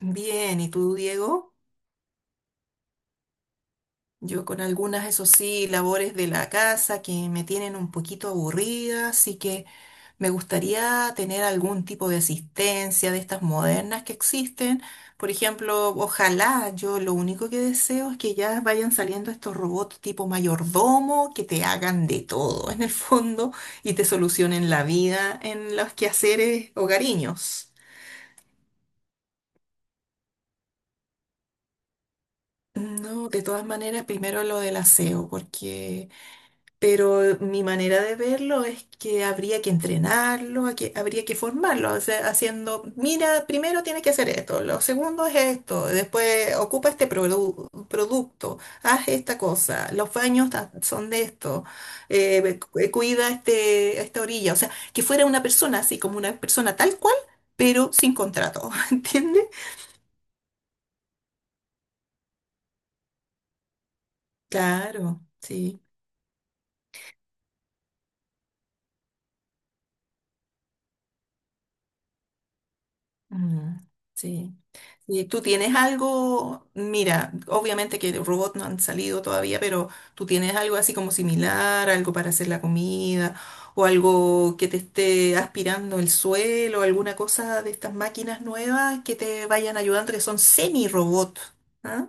Bien, ¿y tú, Diego? Yo con algunas, eso sí, labores de la casa que me tienen un poquito aburrida, así que me gustaría tener algún tipo de asistencia de estas modernas que existen. Por ejemplo, ojalá, yo lo único que deseo es que ya vayan saliendo estos robots tipo mayordomo que te hagan de todo en el fondo y te solucionen la vida en los quehaceres hogareños. No, de todas maneras, primero lo del aseo, porque... Pero mi manera de verlo es que habría que entrenarlo, a que, habría que formarlo, o sea, haciendo, mira, primero tienes que hacer esto, lo segundo es esto, después ocupa producto, haz esta cosa, los son de esto, cuida este, esta orilla, o sea, que fuera una persona así, como una persona tal cual, pero sin contrato, ¿entiendes? Claro, sí. Mm, sí. ¿Y tú tienes algo? Mira, obviamente que robots no han salido todavía, pero tú tienes algo así como similar, algo para hacer la comida, o algo que te esté aspirando el suelo, alguna cosa de estas máquinas nuevas que te vayan ayudando, que son semi-robots. ¿Ah?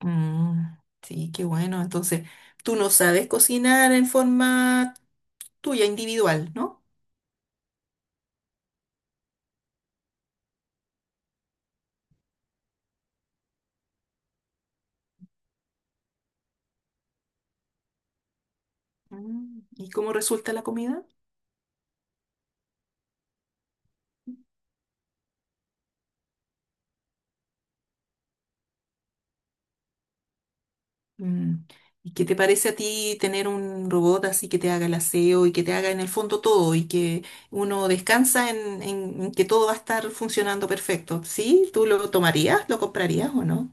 Mm, sí, qué bueno. Entonces, tú no sabes cocinar en forma tuya, individual, ¿no? Mm, ¿y cómo resulta la comida? Mm. ¿Y qué te parece a ti tener un robot así que te haga el aseo y que te haga en el fondo todo y que uno descansa en que todo va a estar funcionando perfecto? ¿Sí? ¿Tú lo tomarías? ¿Lo comprarías o no?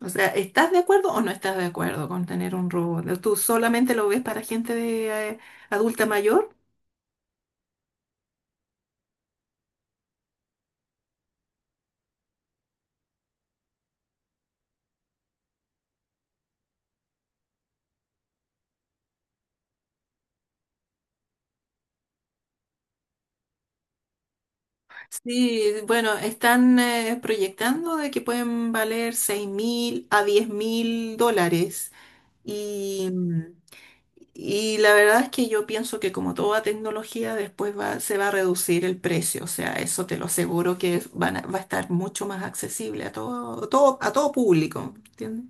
O sea, ¿estás de acuerdo o no estás de acuerdo con tener un robot? ¿Tú solamente lo ves para gente de, adulta mayor? Sí, bueno, están proyectando de que pueden valer $6.000 a $10.000. Y, y la verdad es que yo pienso que como toda tecnología después va, se va a reducir el precio, o sea, eso te lo aseguro que va a estar mucho más accesible a todo, todo, a todo público, ¿entiendes?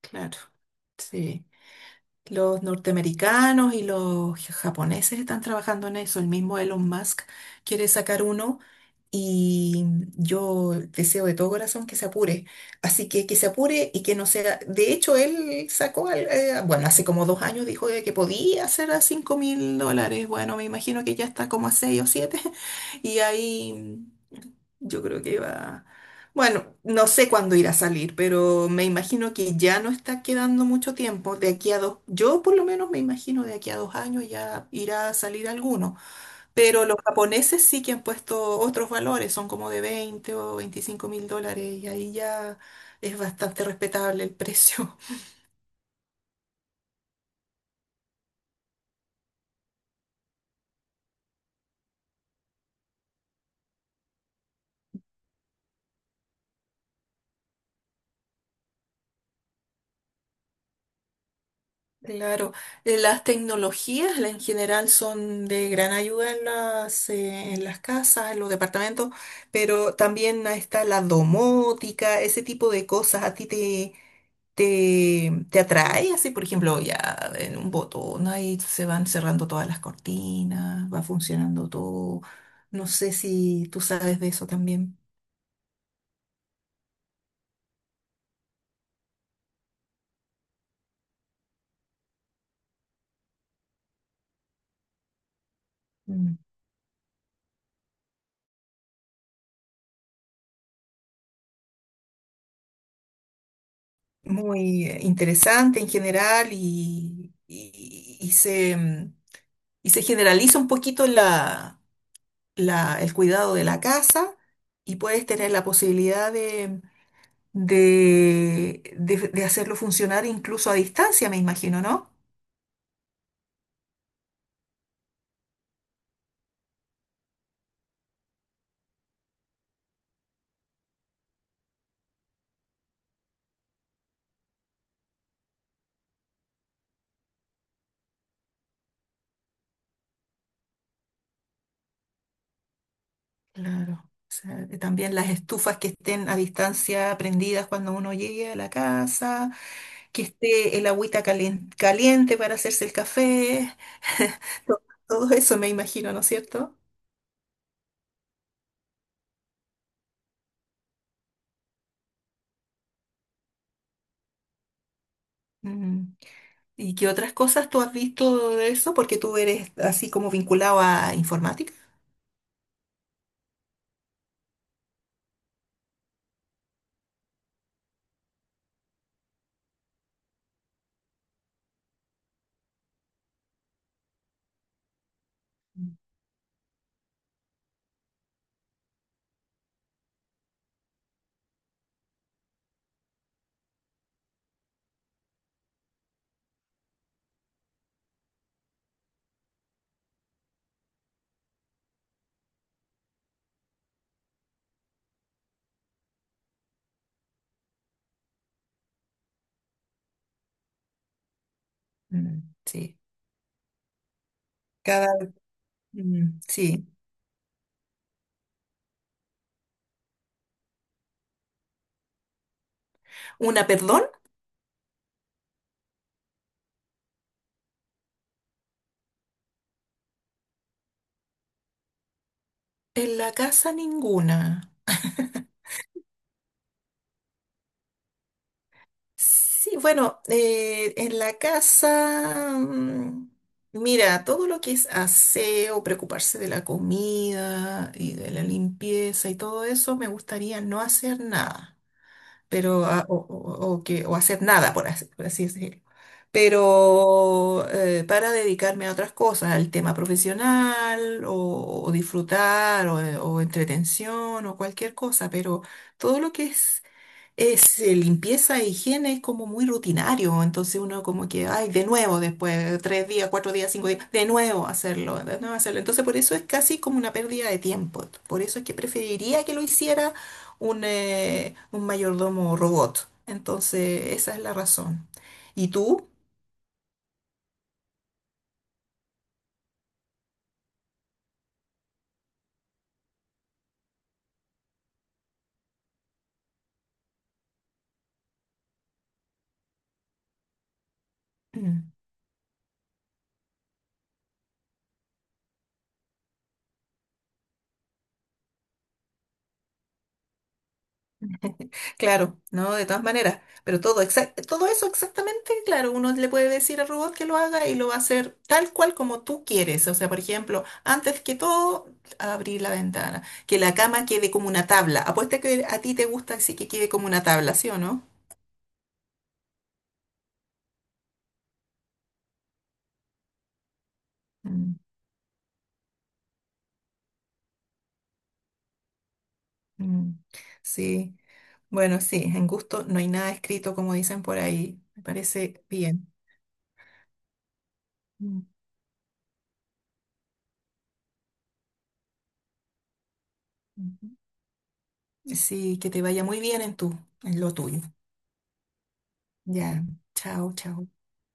Claro, sí. Los norteamericanos y los japoneses están trabajando en eso. El mismo Elon Musk quiere sacar uno y yo deseo de todo corazón que se apure. Así que se apure y que no sea... De hecho, él sacó, bueno, hace como 2 años dijo de que podía hacer a $5.000. Bueno, me imagino que ya está como a 6 o 7 y ahí... Yo creo que va. Bueno, no sé cuándo irá a salir, pero me imagino que ya no está quedando mucho tiempo. De aquí a dos, yo por lo menos me imagino de aquí a 2 años ya irá a salir alguno. Pero los japoneses sí que han puesto otros valores, son como de 20 o $25.000 y ahí ya es bastante respetable el precio. Claro, las tecnologías en general son de gran ayuda en las casas, en los departamentos, pero también ahí está la domótica, ese tipo de cosas. ¿A ti te atrae? Así, por ejemplo, ya en un botón ahí se van cerrando todas las cortinas, va funcionando todo. No sé si tú sabes de eso también. Mm. Muy interesante en general y se... mm, y se generaliza un poquito el cuidado de la casa y puedes tener la posibilidad de hacerlo funcionar incluso a distancia, me imagino, ¿no? Claro. O sea, también las estufas que estén a distancia prendidas cuando uno llegue a la casa, que esté el agüita caliente para hacerse el café, to- todo eso me imagino, ¿no es cierto? Mm. ¿Y qué otras cosas tú has visto de eso? Porque tú eres así como vinculado a informática. Mm, sí. Cada... mm, sí. ¿Una, perdón? En la casa ninguna. Sí, bueno, en la casa, mm, mira, todo lo que es aseo, preocuparse de la comida y de la limpieza y todo eso, me gustaría no hacer nada. Pero, ah, o que, o hacer nada, por así decirlo. Pero para dedicarme a otras cosas, al tema profesional, o disfrutar, o entretención, o cualquier cosa, pero todo lo que es limpieza e higiene es como muy rutinario, entonces uno como que, ay, de nuevo después de 3 días, 4 días, 5 días, de nuevo hacerlo, de nuevo hacerlo. Entonces por eso es casi como una pérdida de tiempo. Por eso es que preferiría que lo hiciera un mayordomo robot. Entonces esa es la razón. ¿Y tú? Claro, no, de todas maneras, pero todo, todo eso exactamente, claro, uno le puede decir al robot que lo haga y lo va a hacer tal cual como tú quieres. O sea, por ejemplo, antes que todo, abrir la ventana, que la cama quede como una tabla. Apuesta que a ti te gusta así que quede como una tabla, ¿sí o no? Mm, mm, sí, bueno, sí, en gusto no hay nada escrito como dicen por ahí. Me parece bien. Mm, ujú. Sí, que te vaya muy bien en tu, en lo tuyo. Ya, chao, chao.